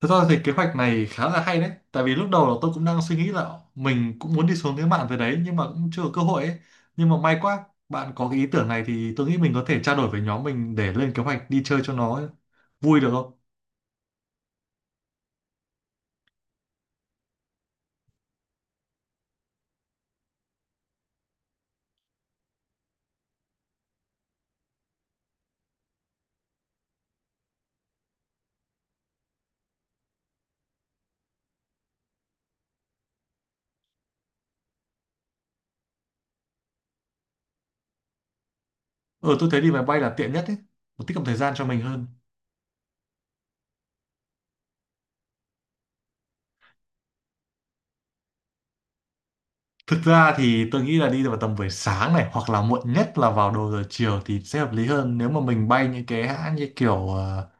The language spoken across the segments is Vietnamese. Thật ra thì kế hoạch này khá là hay đấy. Tại vì lúc đầu là tôi cũng đang suy nghĩ là mình cũng muốn đi xuống cái mạn về đấy, nhưng mà cũng chưa có cơ hội ấy. Nhưng mà may quá bạn có cái ý tưởng này, thì tôi nghĩ mình có thể trao đổi với nhóm mình để lên kế hoạch đi chơi cho nó vui được không. Ờ tôi thấy đi máy bay là tiện nhất ấy, nó tiết kiệm thời gian cho mình hơn. Thực ra thì tôi nghĩ là đi vào tầm buổi sáng này, hoặc là muộn nhất là vào đầu giờ chiều thì sẽ hợp lý hơn nếu mà mình bay những cái hãng như kiểu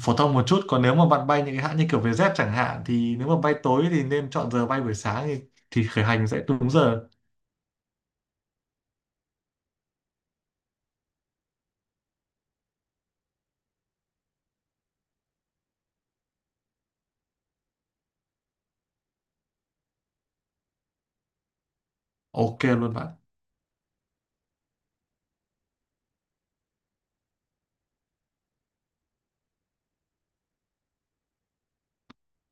phổ thông một chút, còn nếu mà bạn bay những cái hãng như kiểu Vietjet chẳng hạn thì nếu mà bay tối thì nên chọn giờ bay buổi sáng thì khởi hành sẽ đúng giờ. Ok luôn bạn.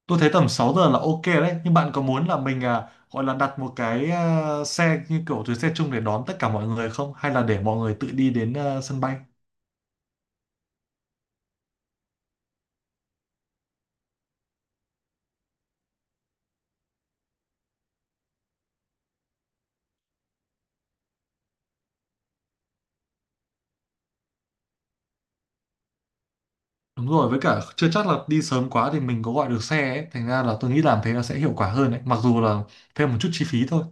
Tôi thấy tầm 6 giờ là ok đấy, nhưng bạn có muốn là mình gọi là đặt một cái xe như kiểu chuyến xe chung để đón tất cả mọi người không, hay là để mọi người tự đi đến sân bay? Đúng rồi, với cả chưa chắc là đi sớm quá thì mình có gọi được xe ấy, thành ra là tôi nghĩ làm thế là sẽ hiệu quả hơn đấy, mặc dù là thêm một chút chi phí thôi.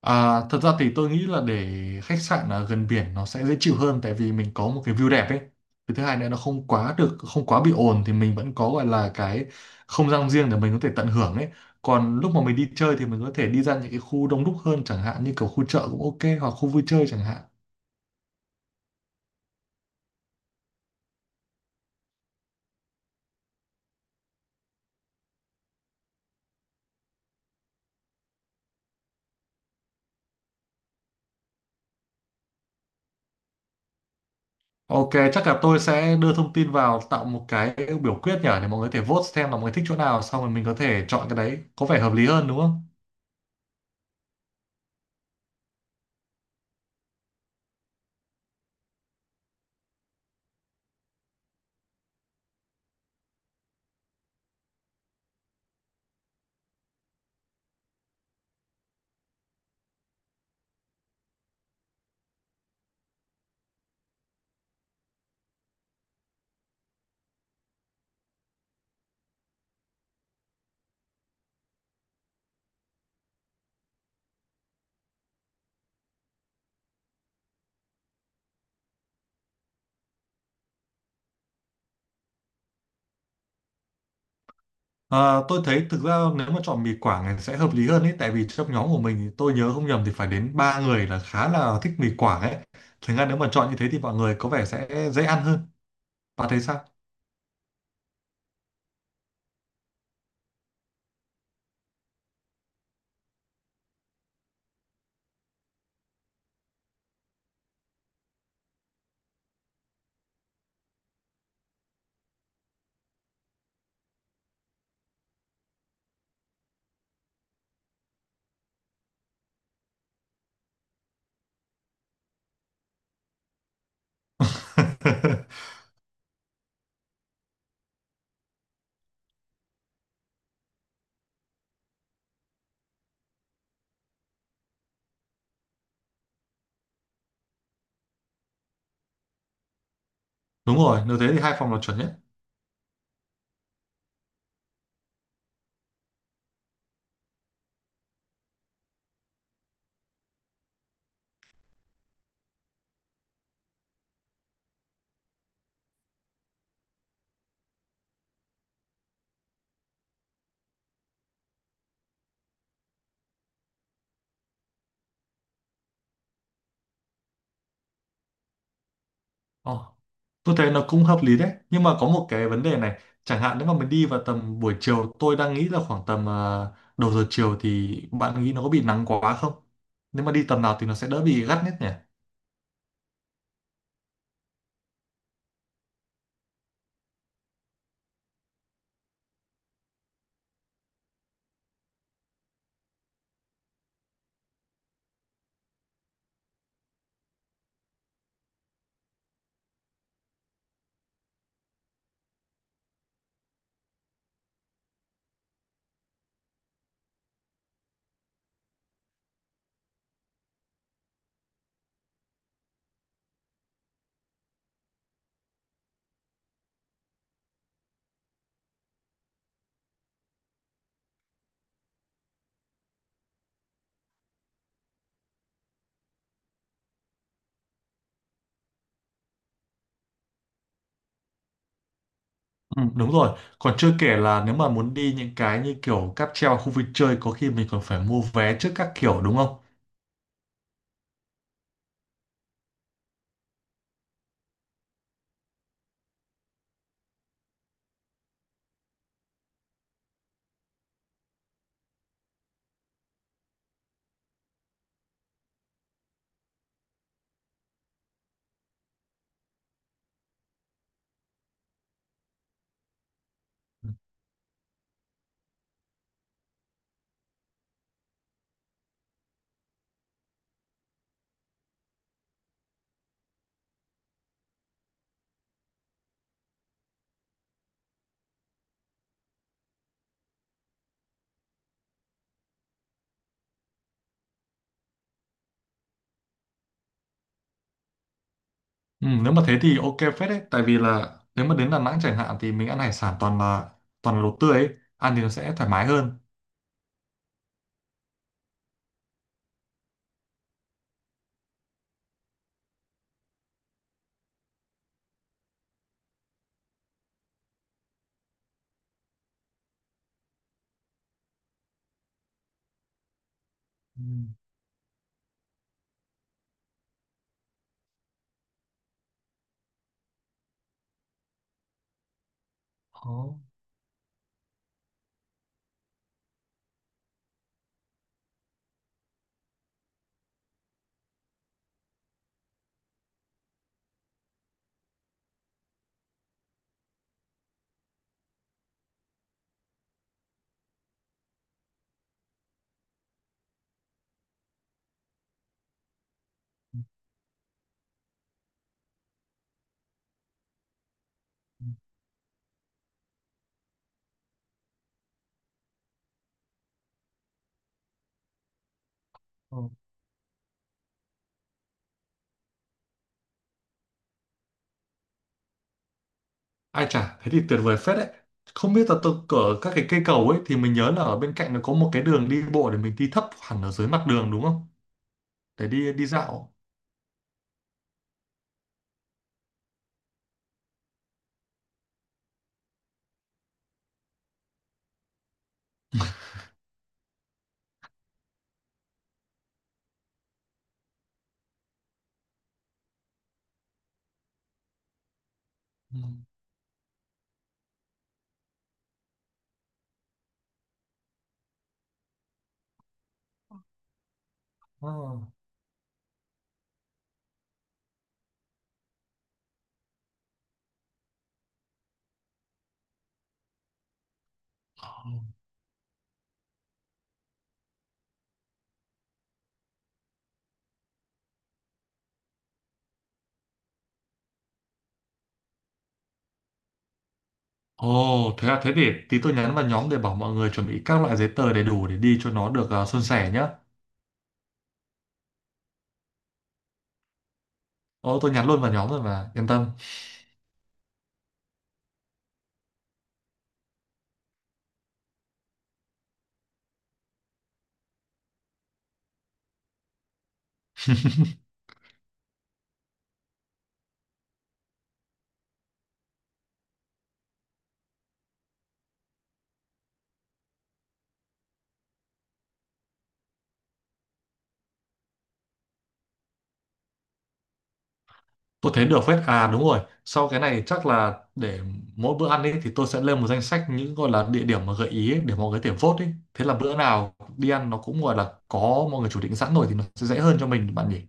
À, thật ra thì tôi nghĩ là để khách sạn ở gần biển nó sẽ dễ chịu hơn, tại vì mình có một cái view đẹp ấy. Cái thứ hai nữa nó không quá bị ồn thì mình vẫn có gọi là cái không gian riêng để mình có thể tận hưởng ấy. Còn lúc mà mình đi chơi thì mình có thể đi ra những cái khu đông đúc hơn, chẳng hạn như kiểu khu chợ cũng ok, hoặc khu vui chơi chẳng hạn. Ok, chắc là tôi sẽ đưa thông tin vào tạo một cái biểu quyết nhở, để mọi người có thể vote xem là mọi người thích chỗ nào, xong rồi mình có thể chọn cái đấy. Có vẻ hợp lý hơn đúng không? Ờ, tôi thấy thực ra nếu mà chọn mì Quảng thì sẽ hợp lý hơn ấy, tại vì trong nhóm của mình thì tôi nhớ không nhầm thì phải đến ba người là khá là thích mì Quảng ấy, thành ra nếu mà chọn như thế thì mọi người có vẻ sẽ dễ ăn hơn. Bạn thấy sao? Đúng rồi, nếu thế thì hai phòng là chuẩn nhất. Ồ, tôi thấy nó cũng hợp lý đấy, nhưng mà có một cái vấn đề này, chẳng hạn nếu mà mình đi vào tầm buổi chiều, tôi đang nghĩ là khoảng tầm đầu giờ chiều, thì bạn nghĩ nó có bị nắng quá không? Nếu mà đi tầm nào thì nó sẽ đỡ bị gắt nhất nhỉ? Ừ, đúng rồi. Còn chưa kể là nếu mà muốn đi những cái như kiểu cáp treo, khu vui chơi, có khi mình còn phải mua vé trước các kiểu đúng không? Ừ, nếu mà thế thì ok phết đấy. Tại vì là nếu mà đến Đà Nẵng chẳng hạn thì mình ăn hải sản toàn là đồ tươi ấy. Ăn thì nó sẽ thoải mái hơn. Ừ. Ồ, ồ. Ai chả, thế thì tuyệt vời phết đấy. Không biết là tôi ở các cái cây cầu ấy thì mình nhớ là ở bên cạnh nó có một cái đường đi bộ để mình đi thấp hẳn ở dưới mặt đường đúng không? Để đi đi dạo. Ừ. Ồ. Ồ, thế à, thế để tí tôi nhắn vào nhóm để bảo mọi người chuẩn bị các loại giấy tờ đầy đủ để đi cho nó được suôn sẻ nhá. Ồ, tôi nhắn luôn vào nhóm rồi mà, yên tâm. Tôi thấy được phết. À đúng rồi, sau cái này chắc là để mỗi bữa ăn ấy thì tôi sẽ lên một danh sách những gọi là địa điểm mà gợi ý ấy, để mọi người có thể vote ấy. Thế là bữa nào đi ăn nó cũng gọi là có mọi người chủ định sẵn rồi thì nó sẽ dễ hơn cho mình bạn nhỉ.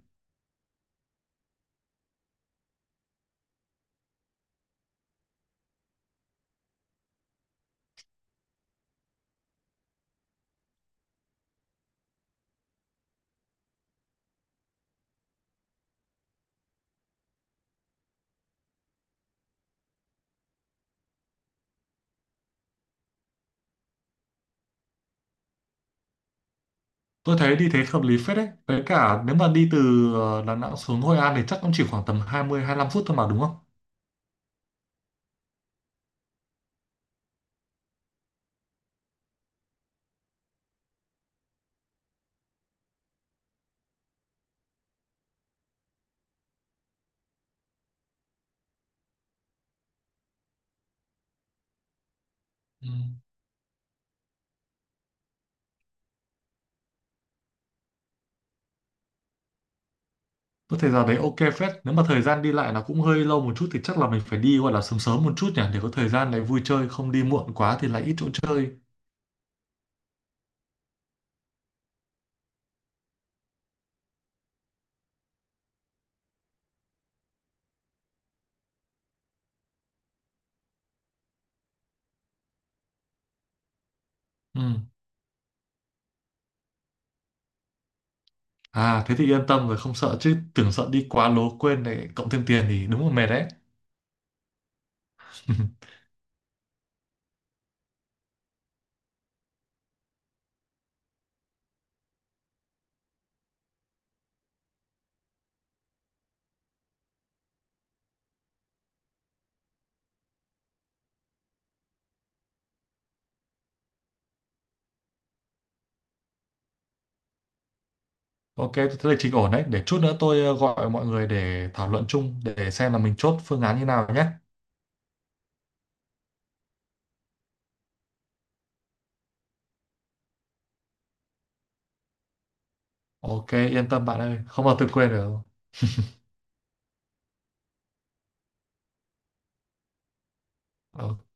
Tôi thấy đi thế hợp lý phết đấy. Với cả nếu mà đi từ Đà Nẵng xuống Hội An thì chắc cũng chỉ khoảng tầm 20 lăm phút thôi mà đúng không? Ừ. Có thể giờ đấy ok phết. Nếu mà thời gian đi lại nó cũng hơi lâu một chút, thì chắc là mình phải đi gọi là sớm sớm một chút nhỉ, để có thời gian lại vui chơi, không đi muộn quá thì lại ít chỗ chơi. Ừ. À thế thì yên tâm rồi, không sợ chứ. Tưởng sợ đi quá lố quên để cộng thêm tiền thì đúng là mệt đấy. Ok, thế là trình ổn đấy. Để chút nữa tôi gọi mọi người để thảo luận chung, để xem là mình chốt phương án như nào nhé. Ok yên tâm bạn ơi, không bao tôi quên được. Ok.